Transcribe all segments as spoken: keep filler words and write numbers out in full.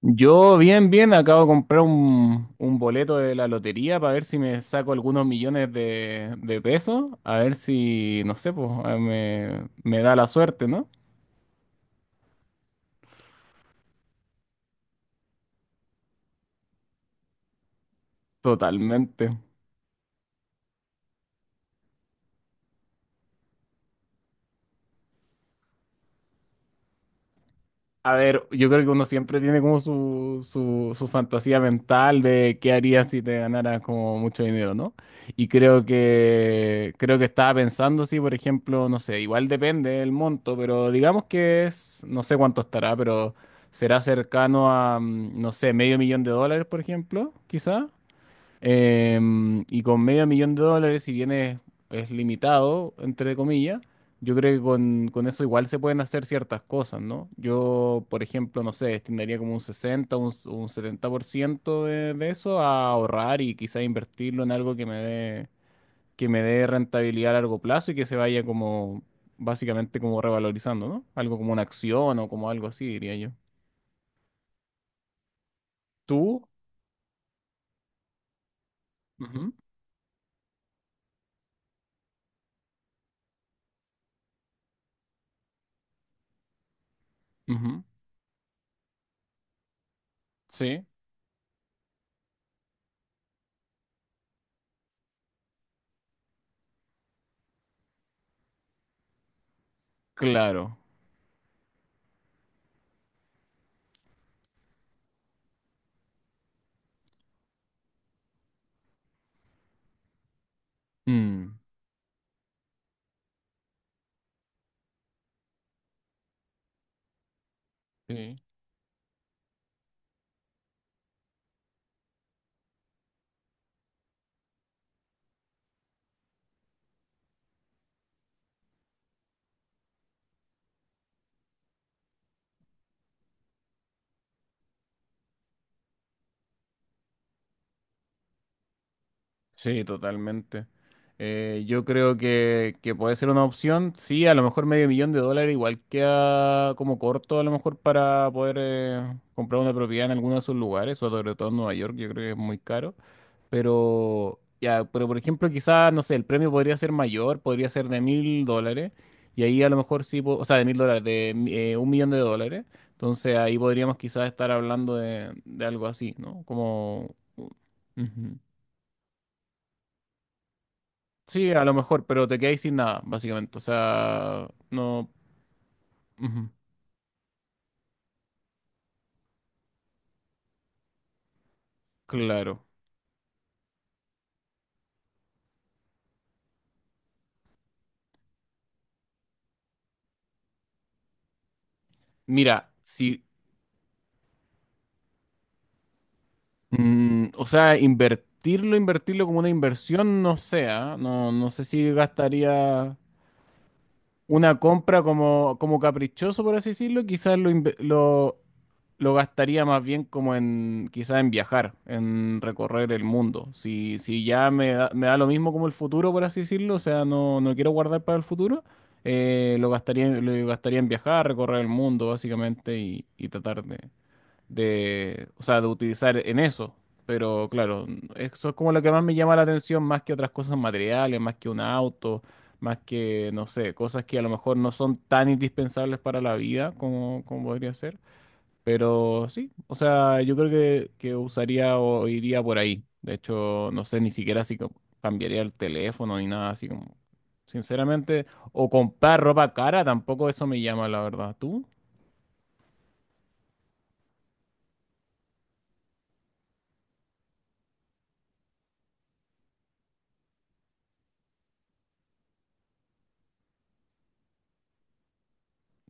Yo bien, bien, acabo de comprar un, un boleto de la lotería para ver si me saco algunos millones de, de pesos, a ver si, no sé, pues eh, me, me da la suerte, ¿no? Totalmente. A ver, yo creo que uno siempre tiene como su, su, su fantasía mental de qué haría si te ganaras como mucho dinero, ¿no? Y creo que creo que estaba pensando si, por ejemplo, no sé, igual depende del monto, pero digamos que es, no sé cuánto estará, pero será cercano a, mm, no sé, medio millón de dólares, por ejemplo, quizá. Em, y con medio millón de dólares, si bien es, es limitado, entre comillas, yo creo que con, con eso igual se pueden hacer ciertas cosas, ¿no? Yo, por ejemplo, no sé, destinaría como un sesenta un, s- un setenta por ciento de, de eso a ahorrar y quizá invertirlo en algo que me dé, que me dé rentabilidad a largo plazo y que se vaya como, básicamente como revalorizando, ¿no? Algo como una acción o como algo así, diría yo. Tú. Ujú, ujú. Sí, claro. Mm. Sí. Sí, totalmente. Eh, yo creo que, que puede ser una opción. Sí, a lo mejor medio millón de dólares igual queda como corto a lo mejor para poder eh, comprar una propiedad en alguno de esos lugares, sobre todo en Nueva York, yo creo que es muy caro. Pero, ya, pero por ejemplo, quizás, no sé, el premio podría ser mayor, podría ser de mil dólares. Y ahí a lo mejor sí, po- o sea, de mil dólares, de eh, un millón de dólares. Entonces ahí podríamos quizás estar hablando de, de algo así, ¿no? Como... Ujú. Sí, a lo mejor, pero te quedáis sin nada, básicamente. O sea, no. Ujú, claro. Mira, si. Mm, o sea, invertirlo, invertirlo como una inversión, no sé, ¿ah? No, no sé si gastaría una compra como, como caprichoso, por así decirlo. Quizás lo, inve- lo lo gastaría más bien como en quizá en viajar, en recorrer el mundo. Si, si ya me da, me da lo mismo como el futuro, por así decirlo, o sea, no, no quiero guardar para el futuro, eh, lo gastaría, en- lo gastaría en viajar, recorrer el mundo, básicamente, y, y tratar de, de, o sea, de utilizar en eso. Pero claro, eso es como lo que más me llama la atención, más que otras cosas materiales, más que un auto, más que, no sé, cosas que a lo mejor no son tan indispensables para la vida como, como podría ser. Pero sí, o sea, yo creo que, que usaría o iría por ahí. De hecho, no sé ni siquiera si co- cambiaría el teléfono ni nada así como, sinceramente, o comprar ropa cara, tampoco eso me llama, la verdad. ¿Tú?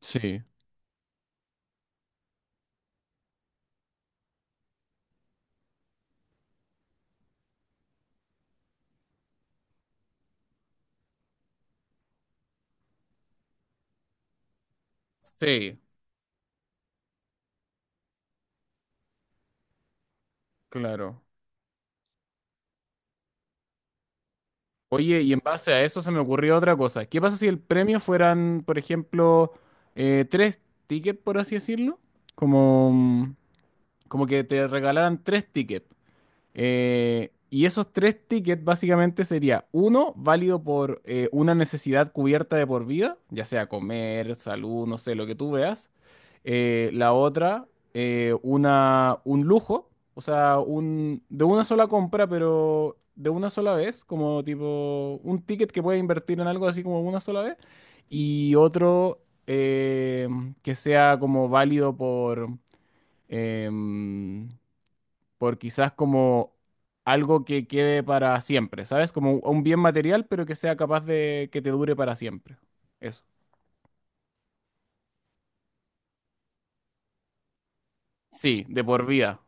Sí, sí, claro. Oye, y en base a eso se me ocurrió otra cosa. ¿Qué pasa si el premio fueran, por ejemplo, eh, tres tickets, por así decirlo? Como, como que te regalaran tres tickets. Eh, y esos tres tickets básicamente sería uno válido por eh, una necesidad cubierta de por vida, ya sea comer, salud, no sé, lo que tú veas. Eh, la otra, eh, una, un lujo, o sea, un, de una sola compra, pero de una sola vez, como tipo un ticket que puedes invertir en algo así como una sola vez. Y otro eh, que sea como válido por... em, por quizás como algo que quede para siempre, ¿sabes? Como un un bien material, pero que sea capaz de que te dure para siempre. Eso. Sí, de por vida.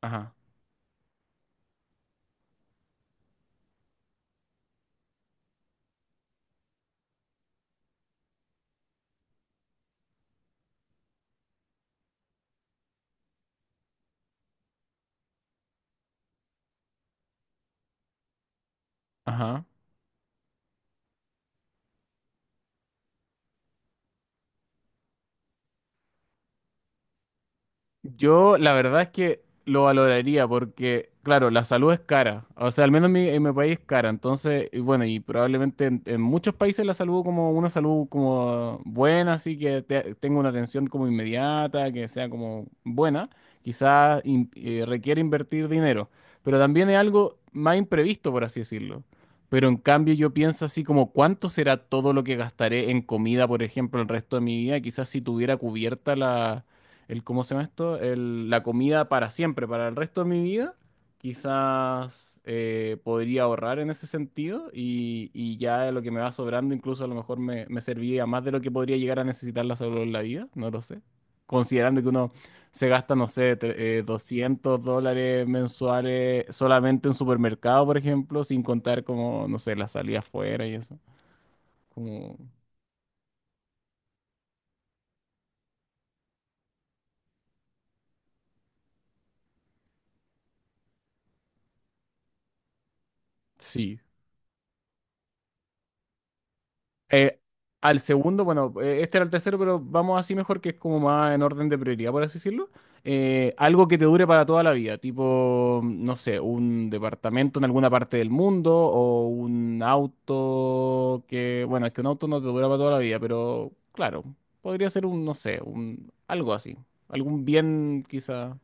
Ajá, ajá. Yo la verdad es que lo valoraría porque, claro, la salud es cara. O sea, al menos en mi, en mi país es cara. Entonces, y bueno, y probablemente en, en muchos países la salud como una salud como buena, así que te- tenga una atención como inmediata, que sea como buena, quizás in- eh, requiere invertir dinero. Pero también es algo más imprevisto, por así decirlo. Pero en cambio yo pienso así como cuánto será todo lo que gastaré en comida, por ejemplo, el resto de mi vida. Quizás si tuviera cubierta la el, ¿cómo se llama esto? El, la comida para siempre, para el resto de mi vida, quizás eh, podría ahorrar en ese sentido y, y ya lo que me va sobrando incluso a lo mejor me, me serviría más de lo que podría llegar a necesitar la salud en la vida, no lo sé. Considerando que uno se gasta, no sé, tre- eh, doscientos dólares mensuales solamente en supermercado, por ejemplo, sin contar como, no sé, la salida afuera y eso. Como, sí. Eh, Al segundo, bueno, eh, este era el tercero, pero vamos así mejor, que es como más en orden de prioridad, por así decirlo. Eh, algo que te dure para toda la vida, tipo, no sé, un departamento en alguna parte del mundo o un auto que, bueno, es que un auto no te dura para toda la vida, pero claro, podría ser un, no sé, un, algo así, algún bien quizá.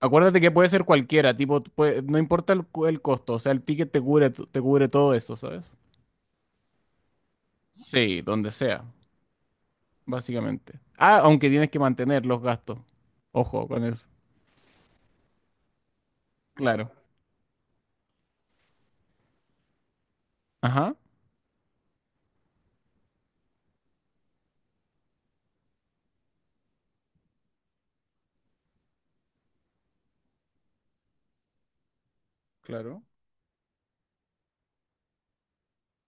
Acuérdate que puede ser cualquiera, tipo, puede- no importa el, cu- el costo, o sea, el ticket te cubre, t- te cubre todo eso, ¿sabes? Sí, donde sea. Básicamente. Ah, aunque tienes que mantener los gastos. Ojo con eso. Claro. Ajá. Claro.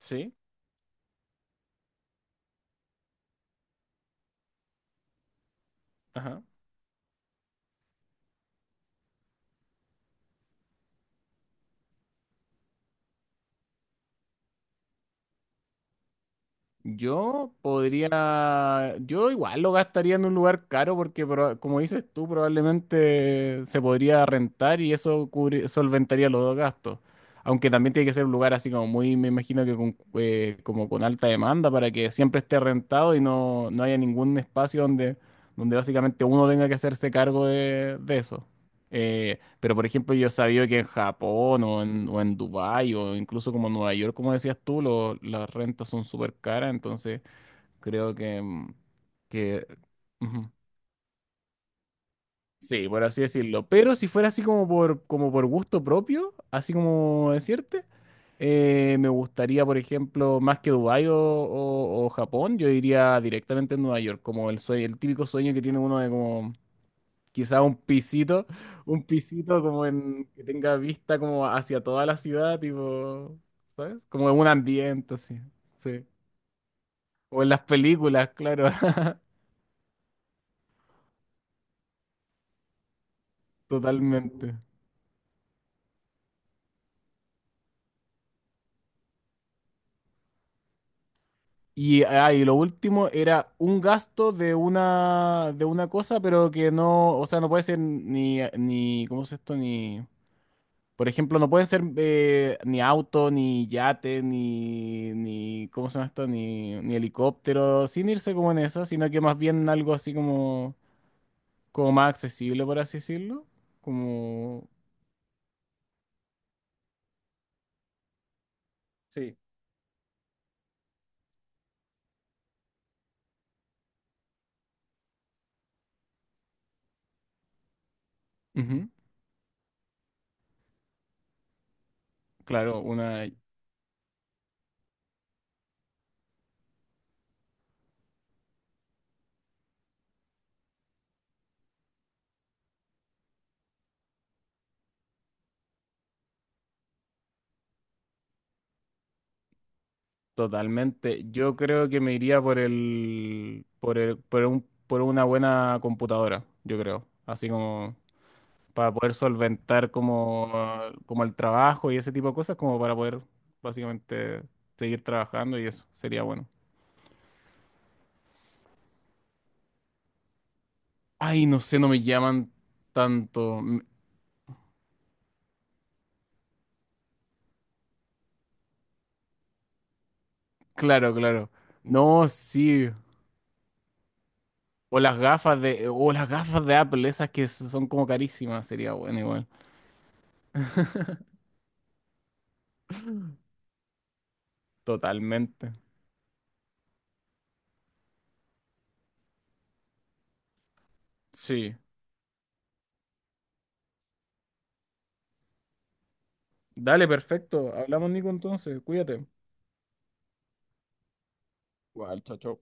Sí. Ajá. Yo podría, yo igual lo gastaría en un lugar caro porque proba- como dices tú, probablemente se podría rentar y eso cubri- solventaría los dos gastos. Aunque también tiene que ser un lugar así como muy, me imagino que con, eh, como con alta demanda para que siempre esté rentado y no, no haya ningún espacio donde, donde básicamente uno tenga que hacerse cargo de, de eso. Eh, pero por ejemplo, yo sabía que en Japón o en, o en Dubái o incluso como en Nueva York, como decías tú, lo- las rentas son súper caras, entonces creo que, mm, que ujú, sí, por así decirlo. Pero si fuera así como por, como por gusto propio, así como decirte, eh, me gustaría, por ejemplo, más que Dubái o, o- o Japón, yo iría directamente a Nueva York, como el sue- el típico sueño que tiene uno de como quizá un pisito, un pisito como en que tenga vista como hacia toda la ciudad, tipo, ¿sabes? Como en un ambiente así. Sí. O en las películas, claro. Totalmente. Y, ah, y lo último era un gasto de una de una cosa, pero que no, o sea, no puede ser ni ni ¿cómo es esto? Ni Por ejemplo, no pueden ser eh, ni auto, ni yate, ni, ni, ¿cómo se llama esto? Ni, ni helicóptero, sin irse como en eso, sino que más bien algo así como, como más accesible, por así decirlo. Como. Sí. Ujú. Claro, una. Totalmente. Yo creo que me iría por el, por el, por un, por una buena computadora, yo creo. Así como para poder solventar como, como el trabajo y ese tipo de cosas, como para poder básicamente seguir trabajando y eso sería bueno. Ay, no sé, no me llaman tanto. Mm. Claro, claro. No, sí. O las gafas de, o las gafas de Apple, esas que s- son como carísimas, sería bueno igual. Totalmente. Sí. Dale, perfecto. Hablamos, Nico, entonces. Cuídate. Igual, chao, chao.